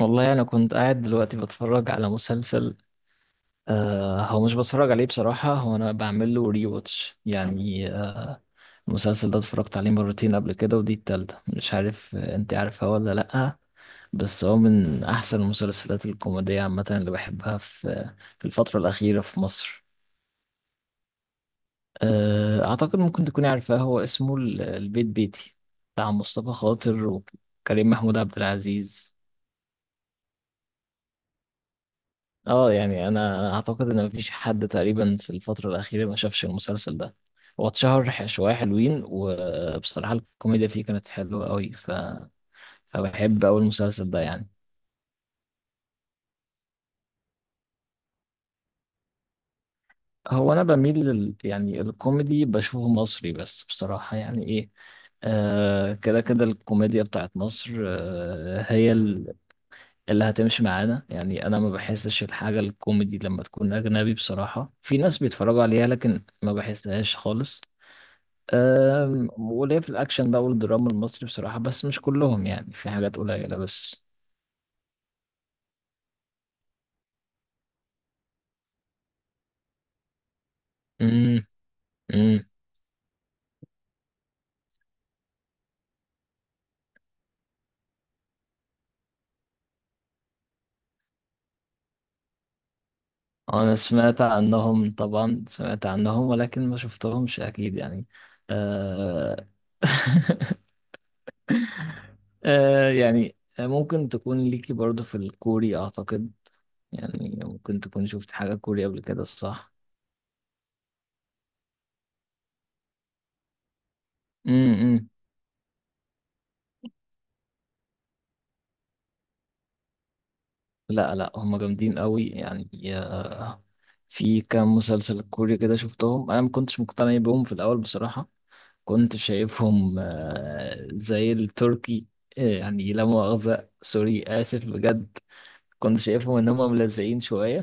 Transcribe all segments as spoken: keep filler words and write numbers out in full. والله أنا كنت قاعد دلوقتي بتفرج على مسلسل. آه هو مش بتفرج عليه بصراحة، هو أنا بعمل له ري واتش يعني آه، المسلسل ده اتفرجت عليه مرتين قبل كده ودي التالتة مش عارف آه، أنت عارفها ولا لأ؟ بس هو من أحسن المسلسلات الكوميدية عامة اللي بحبها في في الفترة الأخيرة في مصر. آه، أعتقد ممكن تكوني عارفاه، هو اسمه ال- البيت بيتي، بتاع مصطفى خاطر وكريم محمود عبد العزيز. اه، يعني انا اعتقد ان مفيش حد تقريبا في الفتره الاخيره ما شافش المسلسل ده. هو اتشهر ح- شويه حلوين، وبصراحه الكوميديا فيه كانت حلوه قوي، ف... فبحب أوي المسلسل ده يعني. هو انا بميل لل... يعني الكوميدي بشوفه مصري، بس بصراحه يعني ايه، آه كده كده الكوميديا بتاعت مصر. آه هي ال- اللي هتمشي معانا يعني. انا ما بحسش الحاجة الكوميدي لما تكون اجنبي بصراحة، في ناس بيتفرجوا عليها لكن ما بحسهاش خالص. أم، وليه في الأكشن بقى والدراما المصري بصراحة، بس مش كلهم، يعني في حاجات قليلة بس. امم. امم. أنا سمعت عنهم طبعا، سمعت عنهم ولكن ما شفتهمش أكيد يعني. أه... أه يعني ممكن تكون ليكي برضو في الكوري أعتقد، يعني ممكن تكون شفت حاجة كوري قبل كده، صح؟ امم. لا لا، هم جامدين قوي يعني آه، في كام مسلسل كوري كده شفتهم، انا ما كنتش مقتنع بيهم في الاول بصراحة، كنت شايفهم آه، زي التركي. آه، يعني لا مؤاخذة، سوري، آسف بجد. كنت شايفهم إن هم ملزقين شوية.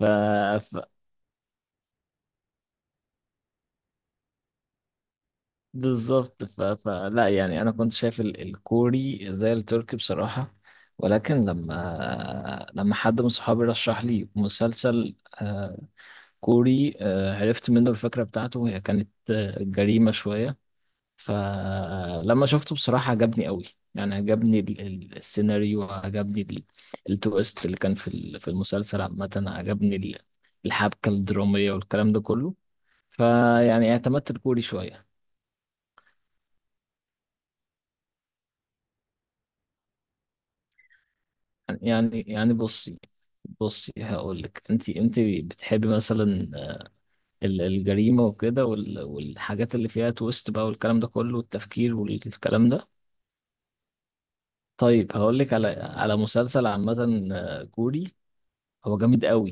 ف... ف... بالظبط. ف... فلا يعني، أنا كنت شايف ال- الكوري زي التركي بصراحة، ولكن لما لما حد من صحابي رشح لي مسلسل آه، كوري، آه، عرفت منه الفكرة بتاعته، هي كانت آه، جريمة شوية. فلما شفته بصراحة عجبني قوي، يعني عجبني ال- ال- السيناريو، عجبني ال- التويست اللي كان في ال- في المسلسل عامة، عجبني ال- الحبكة الدرامية والكلام ده كله. فيعني اعتمدت الكوري شوية. يعني يعني بصي. بصي، هقول لك، انت انت بتحبي مثلا ال- الجريمة وكده وال- والحاجات اللي فيها تويست بقى والكلام ده كله والتفكير والكلام ده. طيب هقول لك على على مسلسل عامة آه، كوري. هو جامد قوي،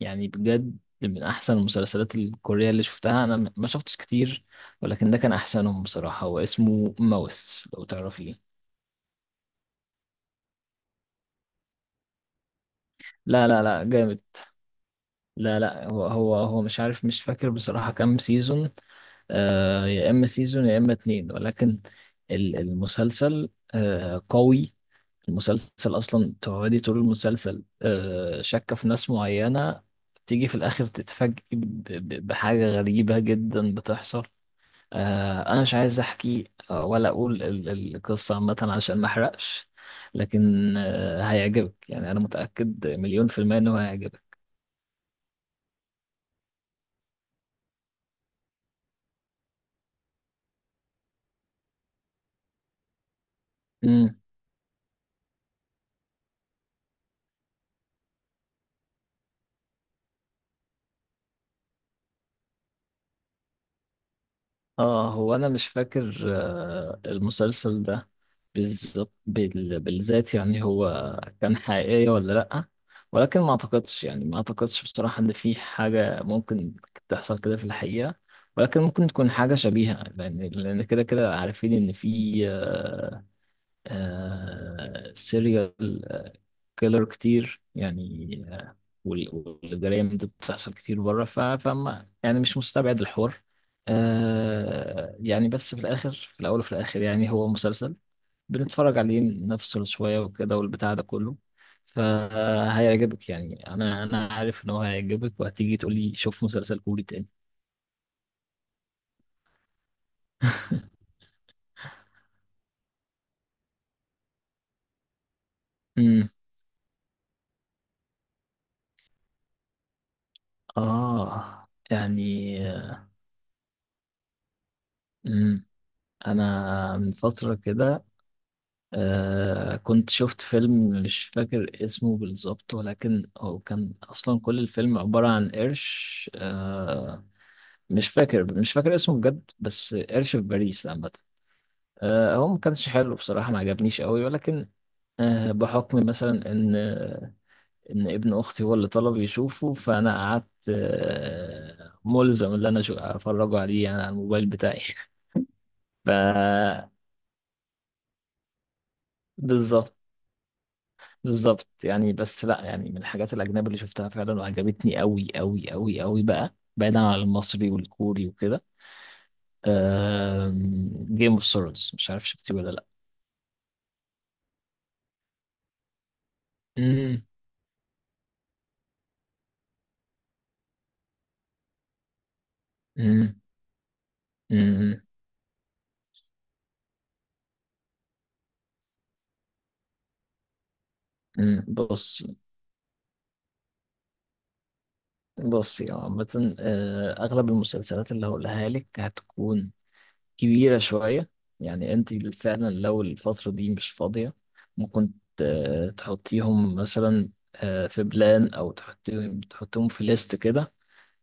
يعني بجد من احسن المسلسلات الكورية اللي شفتها، انا م- ما شفتش كتير، ولكن ده كان احسنهم بصراحة. هو اسمه ماوس، لو تعرفيه. لا لا لا، جامد. لا لا، هو هو هو مش عارف، مش فاكر بصراحة كام سيزون. آه يا اما سيزون يا اما اتنين، ولكن ال- المسلسل آه قوي. المسلسل اصلا تقعدي طول المسلسل آه شاكة في ناس معينة، تيجي في الاخر تتفاجئي ب- ب- بحاجة غريبة جدا بتحصل. آه، انا مش عايز احكي آه، ولا اقول ال- ال- القصه عامه عشان ما احرقش، لكن آه، هيعجبك، يعني انا متاكد مليون في الميه انه هيعجبك. امم. اه، هو انا مش فاكر آه، المسلسل ده بالظبط، بال- بالذات يعني، هو كان حقيقيه ولا لا، ولكن ما اعتقدش، يعني ما اعتقدش بصراحه ان في حاجه ممكن تحصل كده في الحقيقه، ولكن ممكن تكون حاجه شبيهه، لان لان كده كده عارفين ان في آه، آه سيريال آه كيلر كتير يعني آه وال- والجرائم دي بتحصل كتير بره، ف- فما يعني مش مستبعد الحوار. آه يعني بس في الآخر، في الأول وفي الآخر يعني هو مسلسل بنتفرج عليه، نفصل شوية وكده والبتاع ده كله، فهيعجبك يعني. أنا أنا عارف إن هو هيعجبك وهتيجي تقولي شوف مسلسل كوري تاني. امم. آه يعني امم. أنا من فترة كده آه كنت شفت فيلم مش فاكر اسمه بالظبط، ولكن هو كان أصلا كل الفيلم عبارة عن قرش آه مش فاكر مش فاكر اسمه بجد، بس قرش في باريس عامة. آه هو ما كانش حلو بصراحة، ما عجبنيش قوي، ولكن آه بحكم مثلا إن إن ابن أختي هو اللي طلب يشوفه، فأنا قعدت آه ملزم إن أنا أشو- أفرجه عليه يعني على الموبايل بتاعي. ف بالظبط. بالظبط يعني، بس لا يعني من الحاجات الأجنبي اللي شفتها فعلا وعجبتني قوي قوي قوي قوي بقى، بعيدا عن المصري والكوري وكده، جيم اوف ثرونز، مش عارف شفتيه ولا لا. أمم. أمم. أمم. أمم. بص. بص يا عامة، آه، أغلب المسلسلات اللي هقولها لك هتكون كبيرة شوية، يعني أنت فعلا لو الفترة دي مش فاضية ممكن ت- تحطيهم مثلا آه، في بلان، أو تحطيهم تحطيهم في ليست كده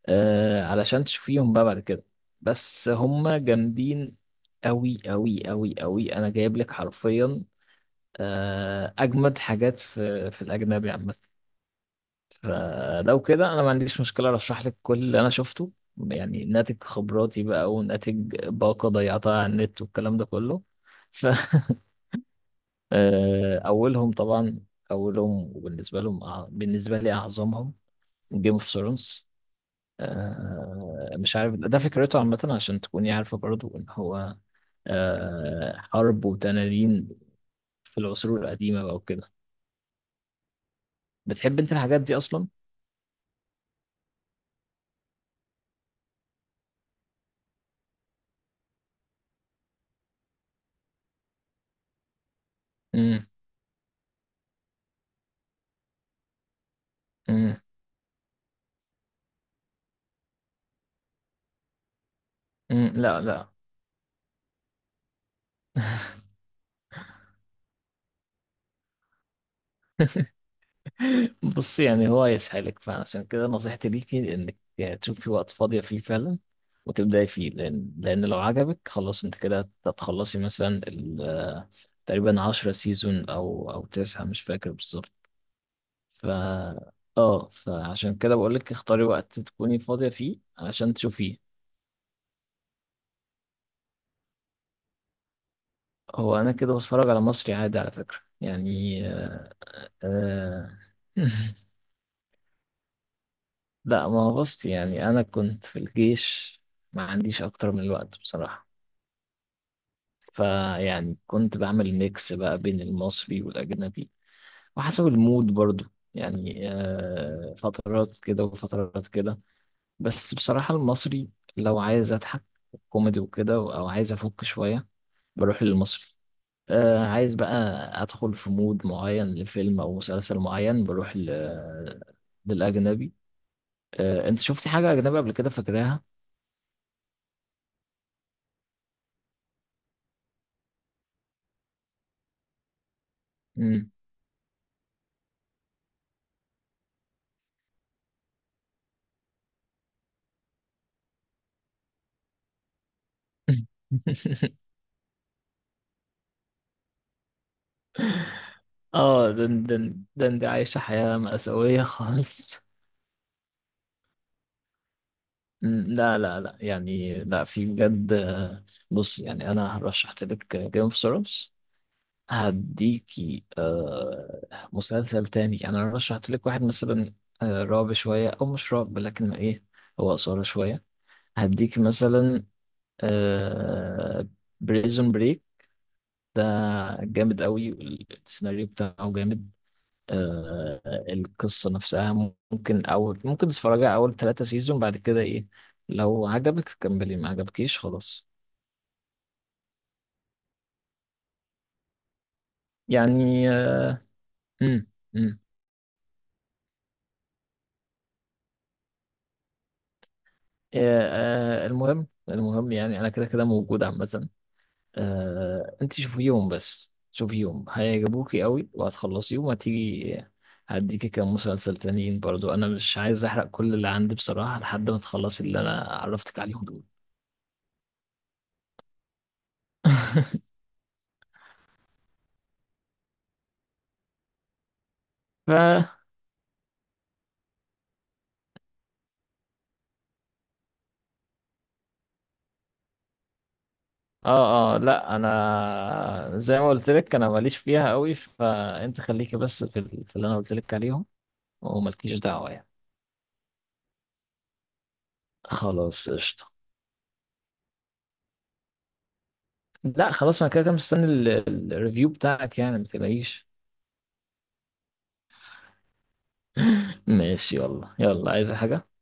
آه علشان تشوفيهم بقى بعد كده، بس هم جامدين أوي أوي أوي أوي، أنا جايب لك حرفيا آه أجمد حاجات في في الأجنبي عامة. فلو كده أنا ما عنديش مشكلة أرشح لك كل اللي أنا شفته، يعني ناتج خبراتي بقى وناتج باقة ضيعتها على النت والكلام ده كله. ف آه، أولهم طبعا، أولهم وبالنسبة لهم، أع- بالنسبة لي أعظمهم، جيم اوف ثرونز. آه، مش عارف ده فكرته عامة عشان تكوني عارفة برضو إن هو آه، حرب وتنانين في العصور القديمة بقى وكده. بتحب أنت الحاجات دي أصلا؟ مم. مم. مم. لا لا. بصي يعني هو يسحلك، فعشان كده نصيحتي ليكي إنك تشوفي وقت فاضية فيه فعلا وتبدأي فيه، لأن لأن لو عجبك خلاص أنت كده هتخلصي مثلا ال- آه، تقريبا عشرة سيزون أو أو تسعة، مش فاكر بالظبط. ف اه فعشان كده بقول لك اختاري وقت تكوني فاضية فيه عشان تشوفيه. هو انا كده بتفرج على مصري عادي على فكرة يعني آه... آه، لا ما هو بص يعني انا كنت في الجيش، ما عنديش اكتر من الوقت بصراحة، فيعني كنت بعمل ميكس بقى بين المصري والاجنبي وحسب المود برضو، يعني آه... فترات كده وفترات كده. بس بصراحة المصري، لو عايز اضحك كوميدي وكده او عايز افك شوية، بروح للمصري. آه عايز بقى ادخل في مود معين لفيلم او مسلسل معين، بروح ل... للاجنبي. آه انت شفتي حاجه اجنبي قبل كده فاكراها؟ مم. اه دن دن دن، دي عايشه حياه مأساويه خالص. مم، لا لا لا يعني، لا في بجد آه، بص يعني انا هرشحت لك جيم اوف ثرونز، هديكي آه مسلسل تاني، يعني انا رشحت لك واحد مثلا آه رعب شويه او مش رعب لكن ايه، هو اثاره شويه، هديكي مثلا آه بريزون بريك، ده جامد قوي، السيناريو بتاعه جامد آه القصه نفسها. ممكن اول ممكن تتفرجي على اول ثلاثة سيزون بعد كده ايه، لو عجبك كملي، ما عجبكيش خلاص. يعني آه، مم، مم. آه، آه، المهم، المهم يعني انا كده كده موجود عامه. آه، انت شوفي يوم بس، شوفي يوم، هيعجبوكي قوي وهتخلصي يوم، هتيجي هديكي كام مسلسل تانيين برضو، انا مش عايز احرق كل اللي عندي بصراحه لحد ما تخلصي اللي انا عرفتك عليهم دول. ف اه اه، لا انا زي ما قلت لك انا ماليش فيها قوي، فانت خليكي بس في, ال- في اللي انا قلت لك عليهم، ومالكيش دعوه يعني. خلاص قشطه. لا خلاص انا كده كده مستني ال- ال- الريفيو بتاعك يعني، ما تلاقيش. ماشي، يلا يلا، عايز حاجة؟